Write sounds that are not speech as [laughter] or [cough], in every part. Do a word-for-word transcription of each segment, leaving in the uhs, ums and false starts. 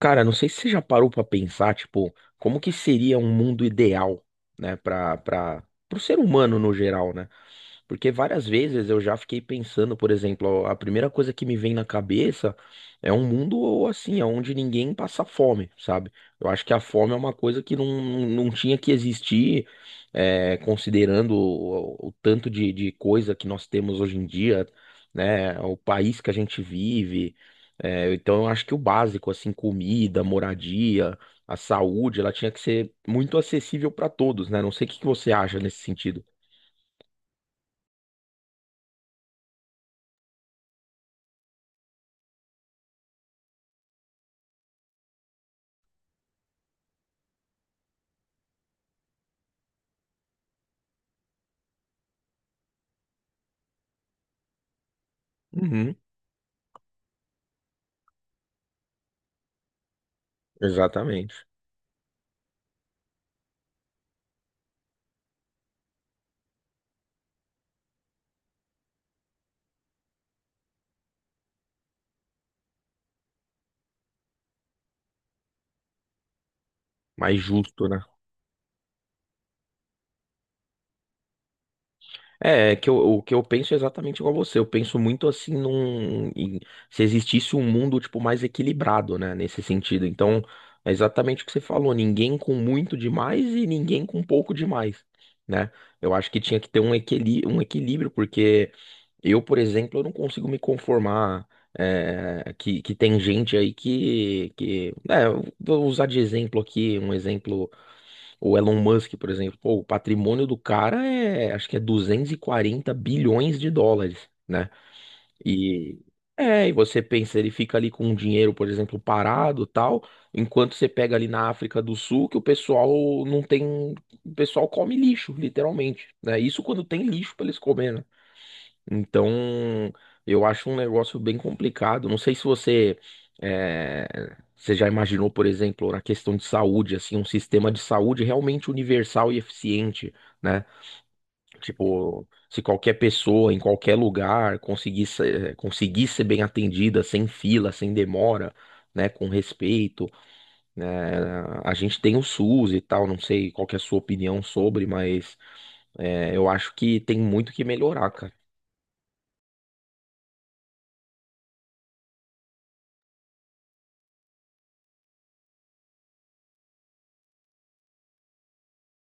Cara, não sei se você já parou pra pensar, tipo, como que seria um mundo ideal, né, para para pro ser humano no geral, né? Porque várias vezes eu já fiquei pensando, por exemplo, ó, a primeira coisa que me vem na cabeça é um mundo assim, onde ninguém passa fome, sabe? Eu acho que a fome é uma coisa que não, não tinha que existir, é, considerando o, o tanto de, de coisa que nós temos hoje em dia, né? O país que a gente vive. É, então eu acho que o básico, assim, comida, moradia, a saúde, ela tinha que ser muito acessível para todos, né? Não sei o que que você acha nesse sentido. Uhum. Exatamente. Mais justo, né? É, é que eu, o que eu penso é exatamente igual você. Eu penso muito assim num, em- Se existisse um mundo tipo mais equilibrado, né, nesse sentido. Então, é exatamente o que você falou, ninguém com muito demais e ninguém com pouco demais, né? Eu acho que tinha que ter um equili um equilíbrio, porque eu, por exemplo, eu não consigo me conformar é, que, que tem gente aí que, que é, eu vou usar de exemplo aqui, um exemplo. O Elon Musk, por exemplo, pô, o patrimônio do cara é, acho que é duzentos e quarenta bilhões de dólares, né? E é, e você pensa, ele fica ali com o dinheiro, por exemplo, parado, tal, enquanto você pega ali na África do Sul, que o pessoal não tem, o pessoal come lixo, literalmente, né? Isso quando tem lixo para eles comerem, né? Então, eu acho um negócio bem complicado. Não sei se você, eh, você já imaginou, por exemplo, na questão de saúde, assim, um sistema de saúde realmente universal e eficiente, né? Tipo, se qualquer pessoa, em qualquer lugar, conseguisse, eh, conseguir ser bem atendida, sem fila, sem demora, né? Com respeito, né? A gente tem o SUS e tal, não sei qual que é a sua opinião sobre, mas eh, eu acho que tem muito que melhorar, cara.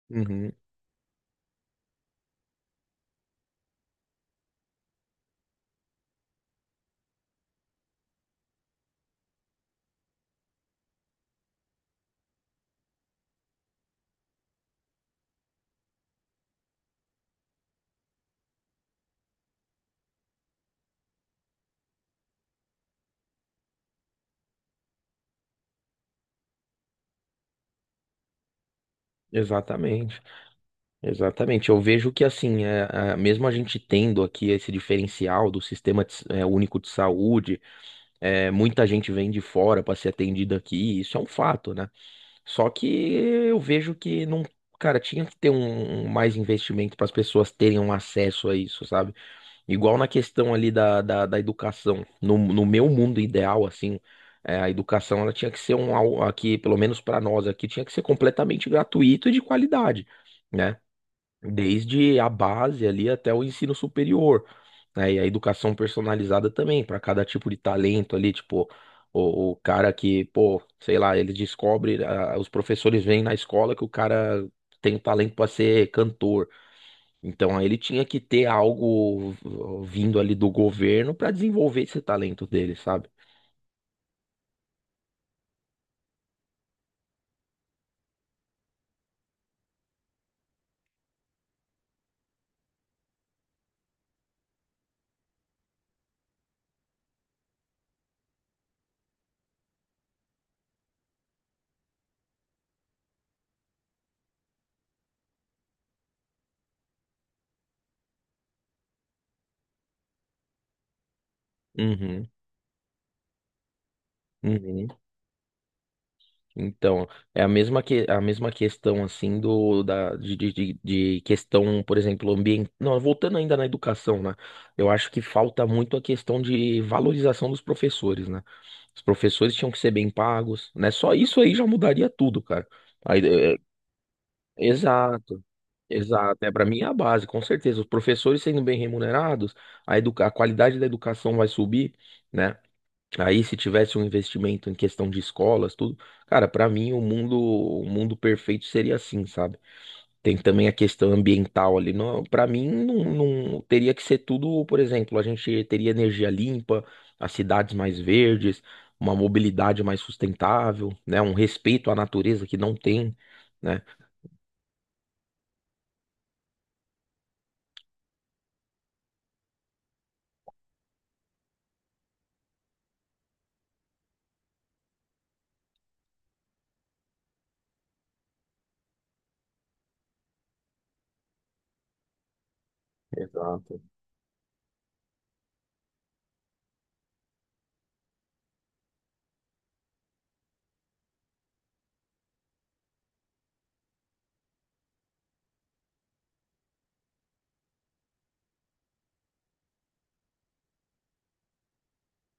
Uhum, exatamente. Exatamente, eu vejo que assim, é, a- mesmo a gente tendo aqui esse diferencial do sistema de s- é, único de saúde, é, muita gente vem de fora para ser atendida aqui, isso é um fato, né? Só que eu vejo que não, cara, tinha que ter um, um mais investimento para as pessoas terem um acesso a isso, sabe? Igual na questão ali da, da, da educação, no, no meu mundo ideal, assim, é, a educação ela tinha que ser um, al- aqui, pelo menos para nós aqui, tinha que ser completamente gratuito e de qualidade, né? Desde a base ali até o ensino superior, né? E a educação personalizada também, para cada tipo de talento ali, tipo, o, o cara que, pô, sei lá, ele descobre, ah, os professores veem na escola que o cara tem um talento para ser cantor. Então, aí ele tinha que ter algo vindo ali do governo para desenvolver esse talento dele, sabe? Uhum. Uhum. Então, é a mesma, que, a mesma questão, assim, do, da, de, de, de- de questão, por exemplo, ambiente. Não, voltando ainda na educação, né? Eu acho que falta muito a questão de valorização dos professores, né? Os professores tinham que ser bem pagos, né? Só isso aí já mudaria tudo, cara. Aí, é, é, exato, exato. É, para mim é a base, com certeza. Os professores sendo bem remunerados, a, educa a qualidade da educação vai subir, né? Aí, se tivesse um investimento em questão de escolas, tudo, cara, pra mim o mundo, o mundo perfeito seria assim, sabe? Tem também a questão ambiental ali. Não, para mim, não, não- teria que ser tudo, por exemplo, a gente teria energia limpa, as cidades mais verdes, uma mobilidade mais sustentável, né? Um respeito à natureza que não tem, né? Exato.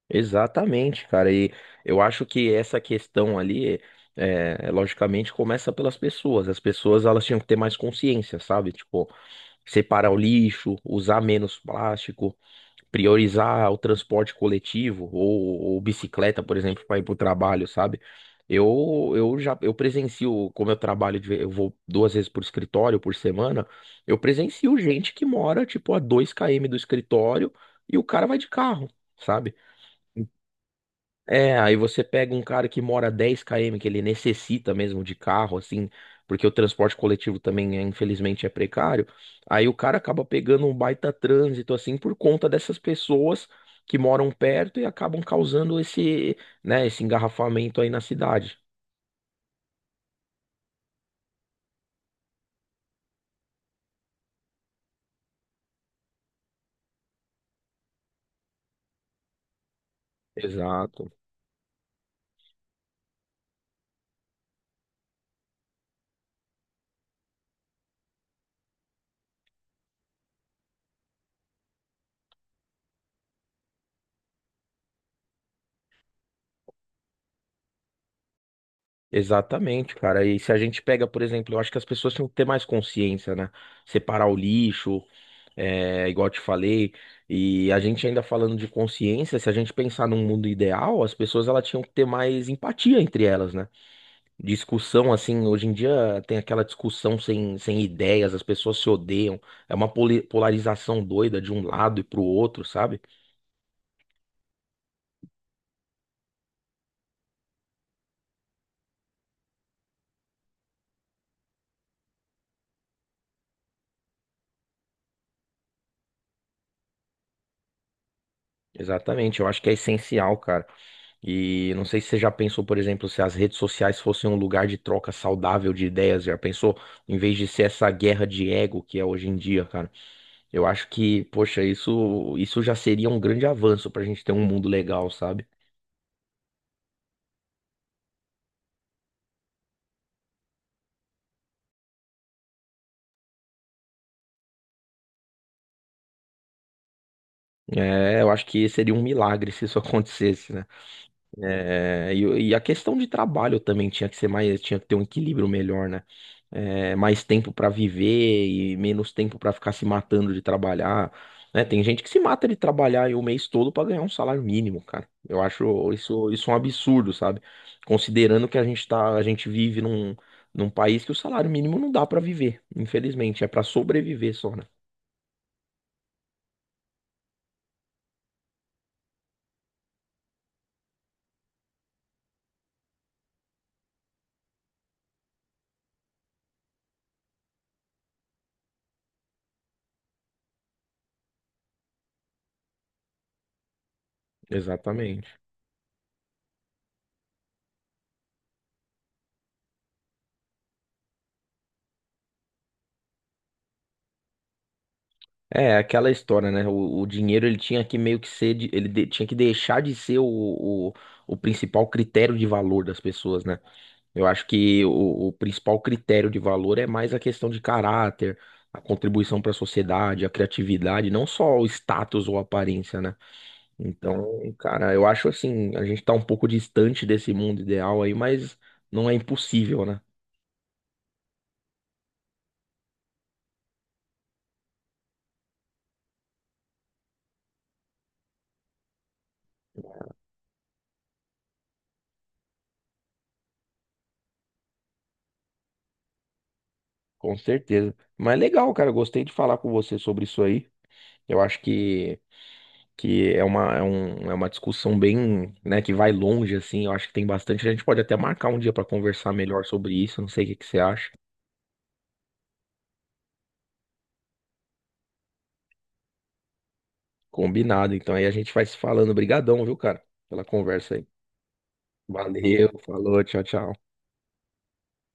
Exatamente, cara. E eu acho que essa questão ali, é, é, logicamente, começa pelas pessoas. As pessoas elas tinham que ter mais consciência, sabe? Tipo, separar o lixo, usar menos plástico, priorizar o transporte coletivo ou, ou bicicleta, por exemplo, para ir para o trabalho, sabe? Eu, eu já eu presencio, como eu trabalho, de- eu vou duas vezes por escritório por semana, eu presencio gente que mora, tipo, a dois quilômetros do escritório e o cara vai de carro. Sabe, é, aí você pega um cara que mora dez quilômetros, que ele necessita mesmo de carro, assim, porque o transporte coletivo também, é, infelizmente, é precário. Aí o cara acaba pegando um baita trânsito, assim, por conta dessas pessoas que moram perto e acabam causando esse, né, esse engarrafamento aí na cidade. Exato. Exatamente, cara. E se a gente pega, por exemplo, eu acho que as pessoas tinham que ter mais consciência, né? Separar o lixo, é, igual eu te falei, e a gente ainda falando de consciência, se a gente pensar num mundo ideal, as pessoas elas tinham que ter mais empatia entre elas, né? Discussão, assim, hoje em dia tem aquela discussão sem, sem ideias, as pessoas se odeiam, é uma poli- polarização doida de um lado e pro outro, sabe? Exatamente, eu acho que é essencial, cara. E não sei se você já pensou, por exemplo, se as redes sociais fossem um lugar de troca saudável de ideias, já pensou? Em vez de ser essa guerra de ego que é hoje em dia, cara. Eu acho que, poxa, isso, isso já seria um grande avanço pra gente ter um mundo legal, sabe? É, eu acho que seria um milagre se isso [laughs] acontecesse, né? É, e, e a questão de trabalho também tinha que ser mais, tinha que ter um equilíbrio melhor, né? É, mais tempo pra viver e menos tempo pra ficar se matando de trabalhar, né? Tem gente que se mata de trabalhar aí o mês todo pra ganhar um salário mínimo, cara. Eu acho isso, isso um absurdo, sabe? Considerando que a gente tá, a gente vive num, num país que o salário mínimo não dá pra viver, infelizmente, é pra sobreviver só, né? Exatamente. É, aquela história, né? O, o dinheiro ele tinha que meio que ser, de- ele de- tinha que deixar de ser o, o, o principal critério de valor das pessoas, né? Eu acho que o, o principal critério de valor é mais a questão de caráter, a contribuição para a sociedade, a criatividade, não só o status ou aparência, né? Então, cara, eu acho assim, a gente tá um pouco distante desse mundo ideal aí, mas não é impossível, né? Com certeza. Mas legal, cara, eu gostei de falar com você sobre isso aí. Eu acho que que é uma, é um, é uma discussão bem, né, que vai longe, assim, eu acho que tem bastante, a gente pode até marcar um dia para conversar melhor sobre isso, não sei o que que você acha. Combinado, então aí a gente vai se falando. Obrigadão, viu, cara, pela conversa aí. Valeu, falou, tchau, tchau.